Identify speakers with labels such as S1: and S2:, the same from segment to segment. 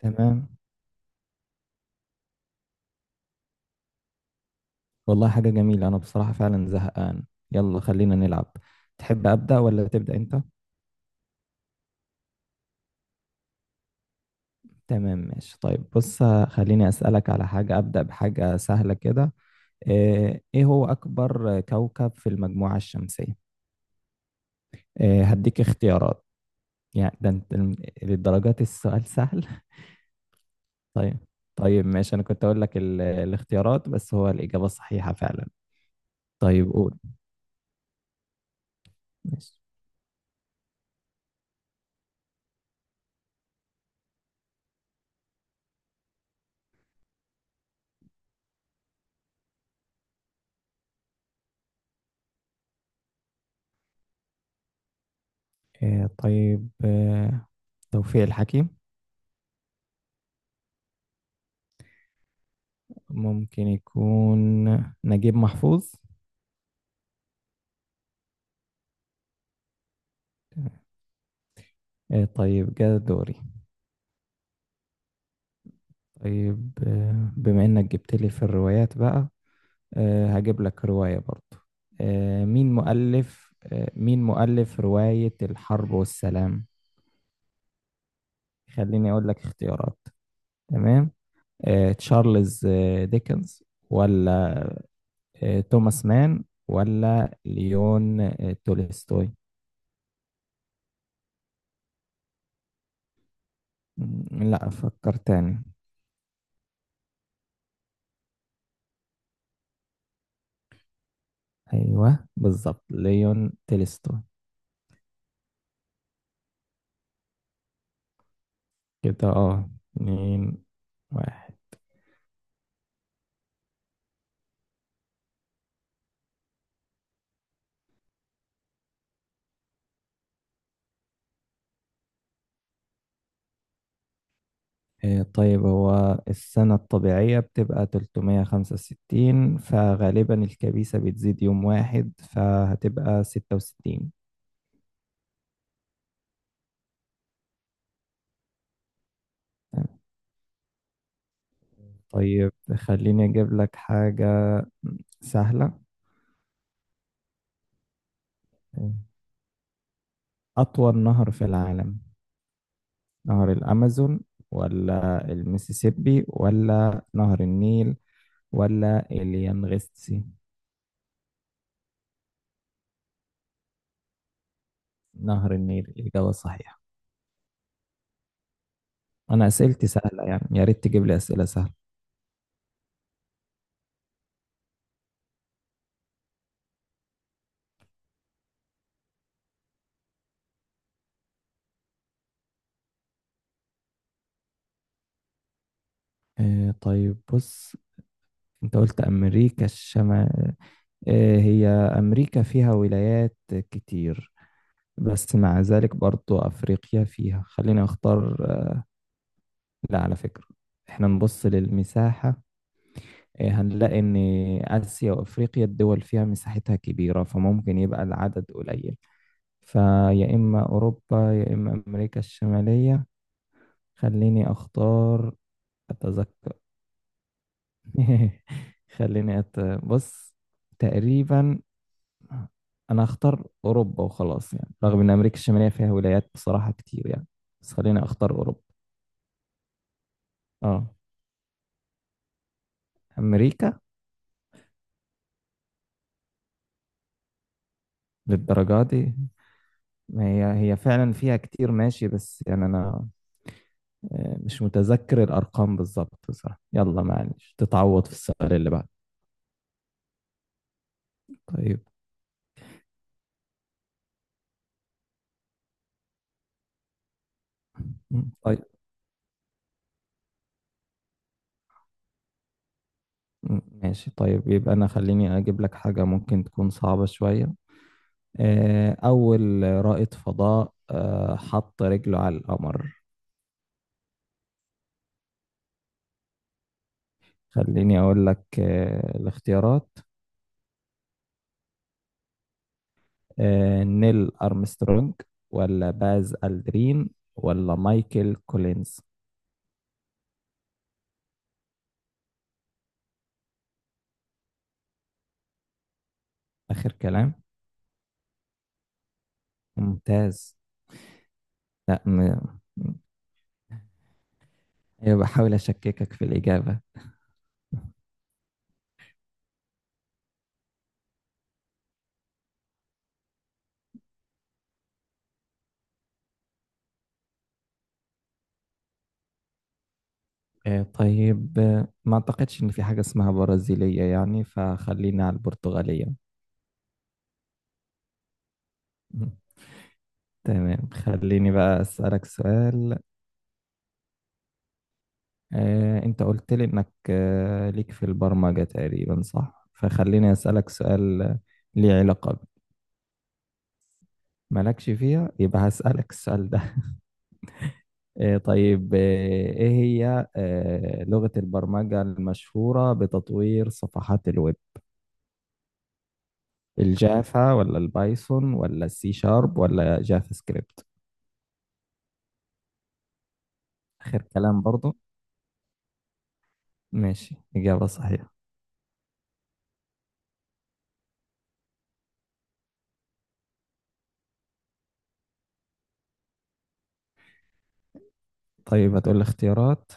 S1: تمام. والله حاجة جميلة، أنا بصراحة فعلا زهقان. يلا خلينا نلعب. تحب أبدأ ولا تبدأ أنت؟ تمام ماشي. طيب بص، خليني أسألك على حاجة. أبدأ بحاجة سهلة كده. إيه هو أكبر كوكب في المجموعة الشمسية؟ إيه، هديك اختيارات يعني. ده أنت للدرجات، السؤال سهل. طيب طيب ماشي، أنا كنت أقول لك الاختيارات، بس هو الإجابة صحيحة فعلا. طيب قول. ماشي. إيه، طيب، إيه، توفيق الحكيم. ممكن يكون نجيب محفوظ. طيب، جاء دوري. طيب، بما انك جبت لي في الروايات بقى، هجيب لك رواية برضو. مين مؤلف رواية الحرب والسلام. خليني اقول لك اختيارات. تمام. تشارلز ديكنز، ولا توماس مان، ولا ليون تولستوي؟ لا، فكر تاني. ايوه بالظبط، ليون تولستوي. كده اه، اتنين واحد. طيب، هو السنة الطبيعية بتبقى 365، فغالبا الكبيسة بتزيد يوم واحد، فهتبقى 66. تمام. طيب خليني أجيب لك حاجة سهلة. أطول نهر في العالم، نهر الأمازون، ولا المسيسيبي، ولا نهر النيل، ولا اليانغستي؟ نهر النيل الإجابة صحيحة. أنا أسئلتي سهلة يعني، يا ريت تجيب لي أسئلة سهلة. طيب بص، انت قلت امريكا الشمال. هي امريكا فيها ولايات كتير، بس مع ذلك برضو افريقيا فيها. خلينا اختار لا على فكرة، احنا نبص للمساحة. هنلاقي ان اسيا وافريقيا الدول فيها مساحتها كبيرة، فممكن يبقى العدد قليل، فيا اما اوروبا يا اما امريكا الشمالية. خليني اختار. اتذكر. خليني بص. تقريبا انا هختار اوروبا وخلاص، يعني رغم ان امريكا الشماليه فيها ولايات بصراحه كتير يعني، بس خليني اختار اوروبا. اه، امريكا. للدرجه دي؟ ما هي هي فعلا فيها كتير، ماشي، بس يعني انا مش متذكر الارقام بالظبط بصراحه. يلا معلش، تتعوض في السؤال اللي بعد. طيب. طيب. ماشي طيب، يبقى انا خليني اجيب لك حاجه ممكن تكون صعبه شويه. اول رائد فضاء حط رجله على القمر. خليني أقول لك الاختيارات. نيل أرمسترونج، ولا باز ألدرين، ولا مايكل كولينز؟ آخر كلام. ممتاز. لا، أيوة، بحاول أشككك في الإجابة. طيب، ما أعتقدش إن في حاجة اسمها برازيلية يعني، فخلينا على البرتغالية. تمام، خليني بقى أسألك سؤال. انت قلت لي انك ليك في البرمجة تقريبا، صح؟ فخليني اسألك سؤال ليه علاقة بي. مالكش فيها يبقى، هسألك السؤال ده. طيب، ايه هي لغة البرمجة المشهورة بتطوير صفحات الويب؟ الجافا، ولا البايثون، ولا السي شارب، ولا جافا سكريبت؟ اخر كلام برضو. ماشي، اجابة صحيحة. طيب هتقول لي اختيارات.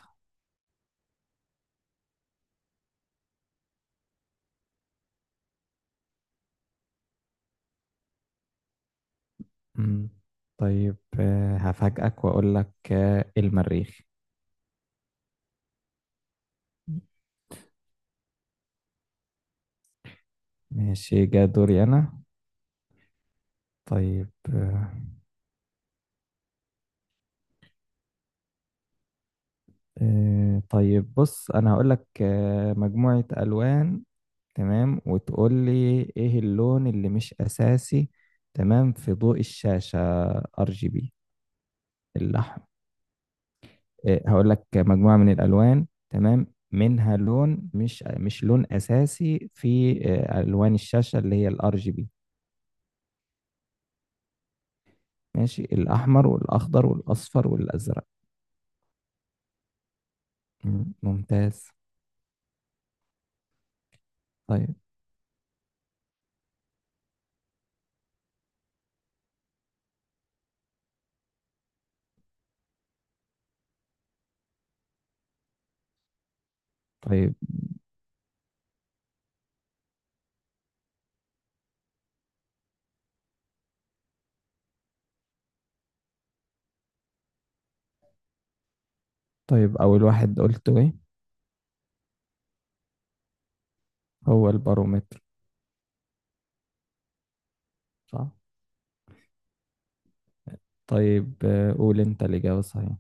S1: مم. طيب، هفاجئك واقول لك المريخ. ماشي، جا دوري أنا. طيب آه، طيب بص، أنا هقول لك مجموعة ألوان، تمام، وتقول لي إيه اللون اللي مش أساسي. تمام، في ضوء الشاشة ار جي بي، الأحمر. هقول لك مجموعة من الألوان، تمام، منها لون مش لون أساسي في ألوان الشاشة اللي هي الار جي بي. ماشي. الأحمر، والأخضر، والأصفر، والأزرق. ممتاز. طيب طيب طيب أول واحد قلته إيه؟ هو البارومتر، صح؟ طيب، قول أنت الإجابة الصحيحة.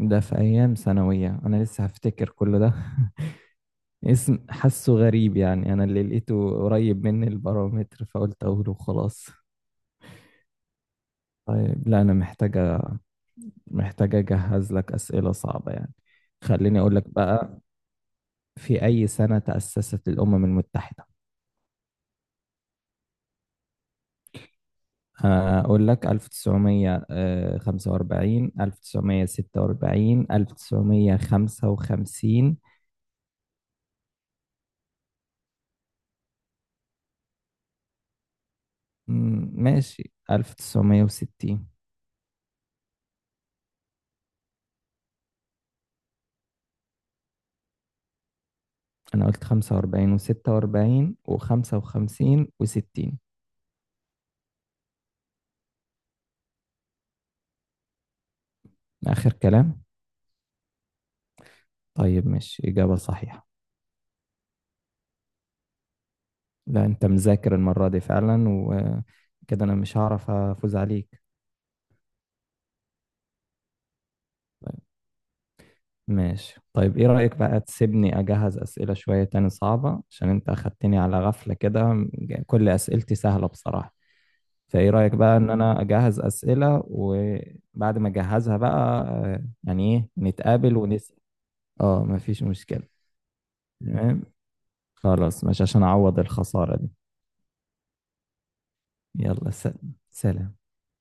S1: ده في أيام ثانوية، أنا لسه هفتكر كل ده. اسم حاسه غريب، يعني أنا اللي لقيته قريب مني البارومتر، فقلت أقوله خلاص. طيب، لا أنا محتاجة أجهز لك أسئلة صعبة يعني. خليني أقول لك بقى، في أي سنة تأسست الأمم المتحدة؟ أقول لك 1945، 1946، 1955. ماشي، 1960. أنا قلت 45 و46 و55 و60. آخر كلام. طيب ماشي، إجابة صحيحة. لا أنت مذاكر المرة دي فعلا، وكده أنا مش هعرف أفوز عليك. ماشي طيب، ايه رأيك بقى تسيبني اجهز اسئلة شوية تاني صعبة، عشان انت اخدتني على غفلة كده. كل اسئلتي سهلة بصراحة. فايه رأيك بقى ان انا اجهز اسئلة، وبعد ما اجهزها بقى يعني ايه، نتقابل ونسأل. اه، مفيش مشكلة. تمام. خلاص، مش عشان اعوض الخسارة دي. يلا سلام.